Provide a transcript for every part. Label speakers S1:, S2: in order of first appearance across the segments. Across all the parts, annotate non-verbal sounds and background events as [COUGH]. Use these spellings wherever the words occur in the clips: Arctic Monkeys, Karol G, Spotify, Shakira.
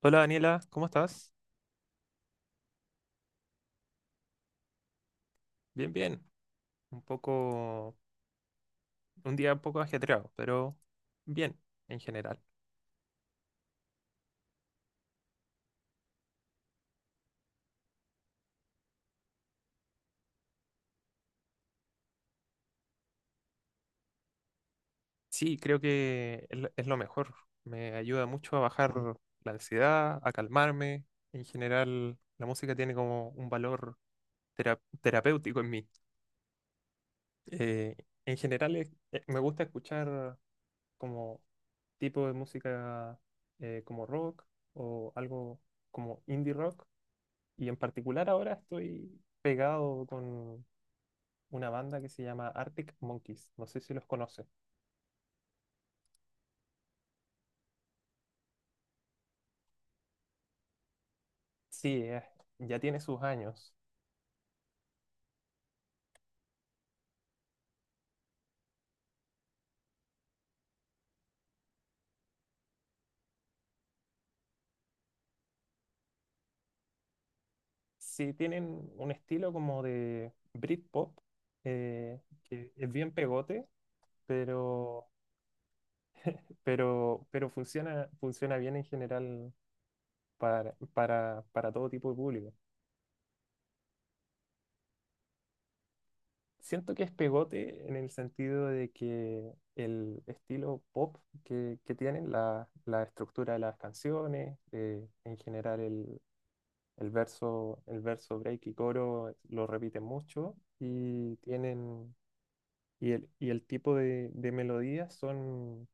S1: Hola Daniela, ¿cómo estás? Bien, bien. Un poco, un día un poco ajetreado, pero bien en general. Sí, creo que es lo mejor. Me ayuda mucho a bajar la ansiedad, a calmarme. En general, la música tiene como un valor terapéutico en mí. Eh, en general, me gusta escuchar como tipo de música como rock o algo como indie rock. Y en particular ahora estoy pegado con una banda que se llama Arctic Monkeys. No sé si los conoces. Sí, es- ya tiene sus años. Sí, tienen un estilo como de Britpop, que es bien pegote, pero, pero funciona bien en general para, para todo tipo de público. Siento que es pegote en el sentido de que el estilo pop que tienen, la estructura de las canciones, en general el verso, break y coro lo repiten mucho y tienen y el tipo de melodías son,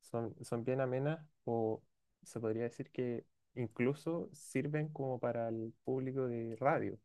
S1: son bien amenas o se podría decir que incluso sirven como para el público de radio.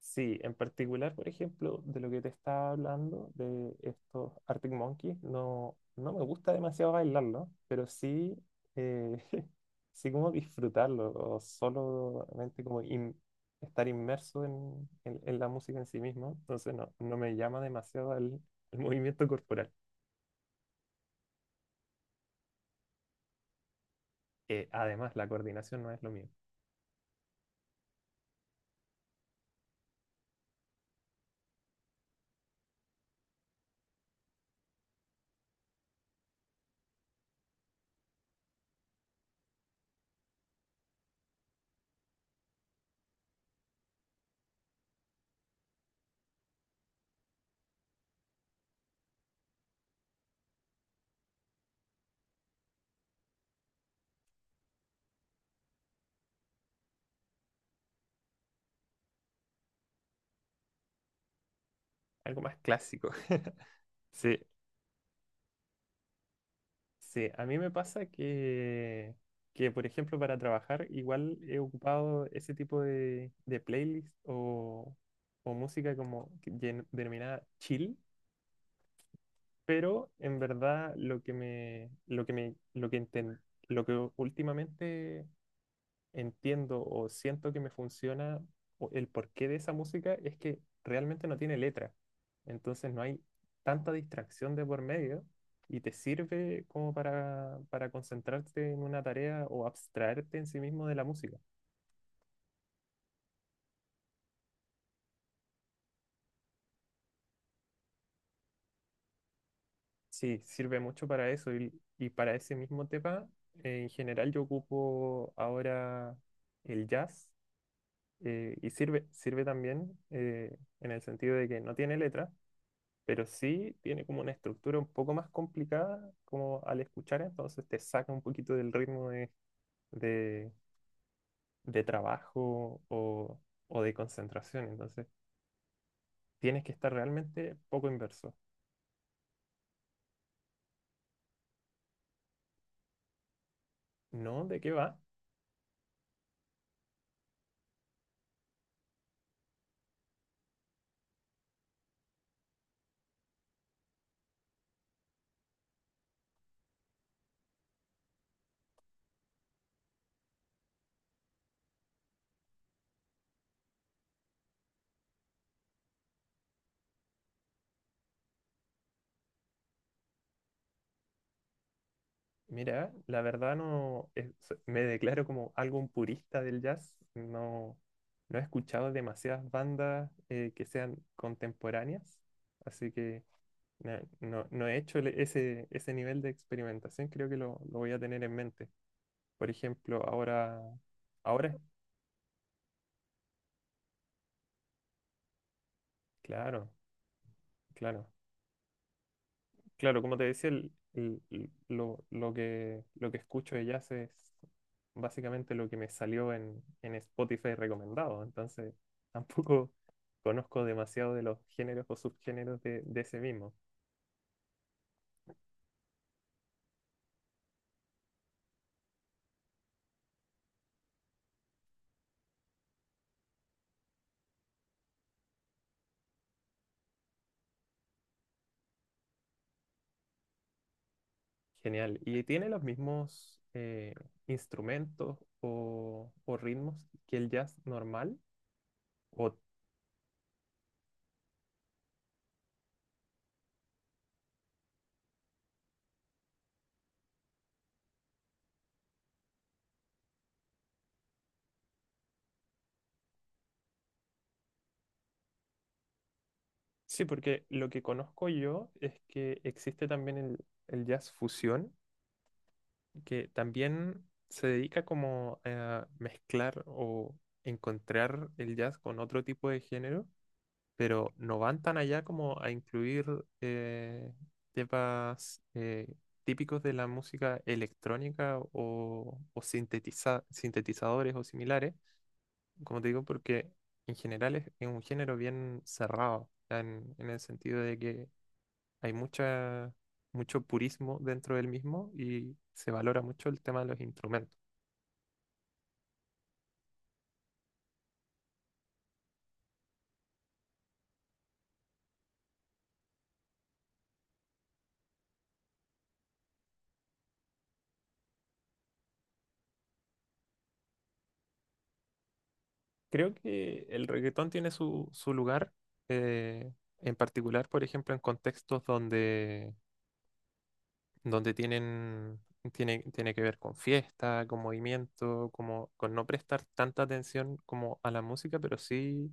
S1: Sí, en particular, por ejemplo, de lo que te estaba hablando, de estos Arctic Monkeys, no, no me gusta demasiado bailarlo, pero sí, eh, [LAUGHS] sí como disfrutarlo, o solamente estar inmerso en, en la música en sí mismo, entonces no, no me llama demasiado el movimiento corporal. Además, la coordinación no es lo mío, algo más clásico. [LAUGHS] Sí. Sí, a mí me pasa que, por ejemplo, para trabajar igual he ocupado ese tipo de playlist o música como que denominada chill, pero en verdad lo que me, lo que últimamente entiendo o siento que me funciona o el porqué de esa música es que realmente no tiene letra. Entonces no hay tanta distracción de por medio y te sirve como para concentrarte en una tarea o abstraerte en sí mismo de la música. Sí, sirve mucho para eso y para ese mismo tema. Eh, en general yo ocupo ahora el jazz, y sirve, sirve también en el sentido de que no tiene letra, pero sí tiene como una estructura un poco más complicada como al escuchar, entonces te saca un poquito del ritmo de, de, de trabajo o de concentración, entonces tienes que estar realmente poco inverso. ¿No? ¿De qué va? Mira, la verdad no, me declaro como algo un purista del jazz, no, no he escuchado demasiadas bandas que sean contemporáneas, así que... No he hecho ese, ese nivel de experimentación, creo que lo voy a tener en mente. Por ejemplo, ahora, ahora, claro, claro, claro, como te decía, lo lo que escucho de jazz es básicamente lo que me salió en Spotify recomendado, entonces [LAUGHS] tampoco conozco demasiado de los géneros o subgéneros de ese mismo. Genial. ¿Y tiene los mismos instrumentos o ritmos que el jazz normal? O, sí, porque lo que conozco yo es que existe también el jazz fusión, que también se dedica como a mezclar o encontrar el jazz con otro tipo de género, pero no van tan allá como a incluir eh, temas típicos de la música electrónica o sintetizadores o similares, como te digo, porque en general es un género bien cerrado, o sea, en el sentido de que hay mucha, mucho purismo dentro del mismo y se valora mucho el tema de los instrumentos. Creo que el reggaetón tiene su, su lugar, eh, en particular, por ejemplo, en contextos donde, donde tienen, tiene, tiene que ver con fiesta, con movimiento, como, con no prestar tanta atención como a la música, pero sí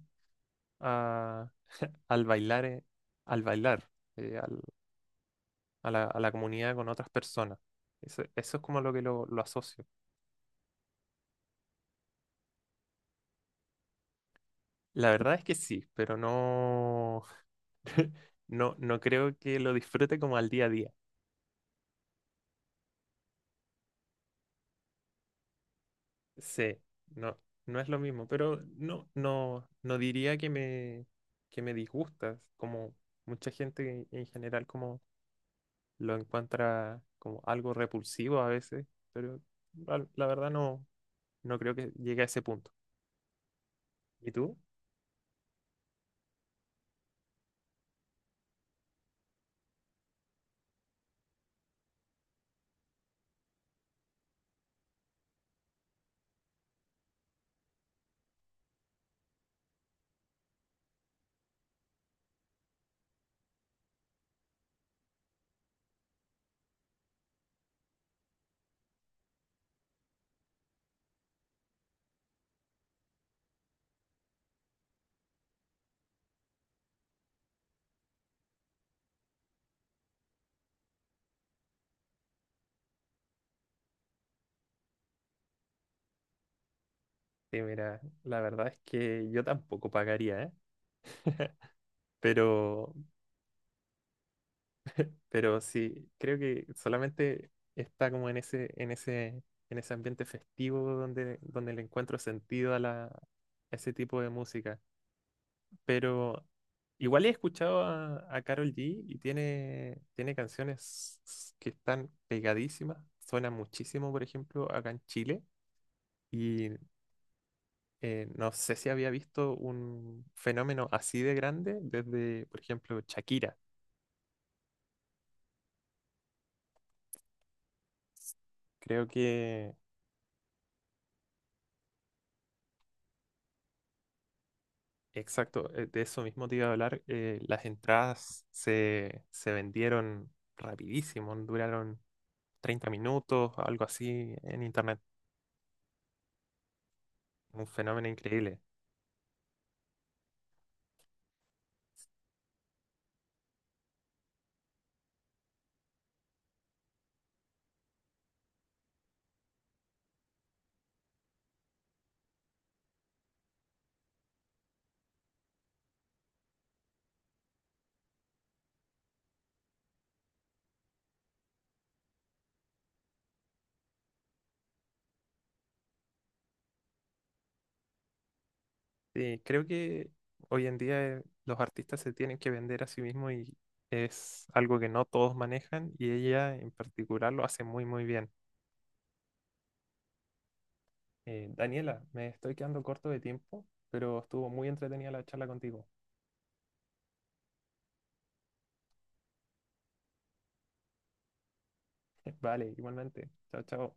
S1: a- al bailar, eh, al bailar, eh, al- a la comunidad con otras personas. Eso es como lo que lo asocio. La verdad es que sí, pero no, [LAUGHS] no, no creo que lo disfrute como al día a día. Sí, no, no es lo mismo, pero no, no, no diría que me disgusta, como mucha gente en general como lo encuentra como algo repulsivo a veces, pero la verdad no, no creo que llegue a ese punto. ¿Y tú? Sí, mira, la verdad es que yo tampoco pagaría, ¿eh? [LAUGHS] Pero, Pero sí, creo que solamente está como en ese, en ese ambiente festivo donde, donde le encuentro sentido a la, a ese tipo de música. Pero igual he escuchado a Karol G y tiene, tiene canciones que están pegadísimas. Suena muchísimo, por ejemplo, acá en Chile. Y no sé si había visto un fenómeno así de grande desde, por ejemplo, Shakira. Creo que exacto, de eso mismo te iba a hablar. Las entradas se, se vendieron rapidísimo, duraron 30 minutos, algo así en internet. Un fenómeno increíble. Creo que hoy en día los artistas se tienen que vender a sí mismos y es algo que no todos manejan y ella en particular lo hace muy muy bien. Daniela, me estoy quedando corto de tiempo, pero estuvo muy entretenida la charla contigo. [LAUGHS] Vale, igualmente. Chao, chao.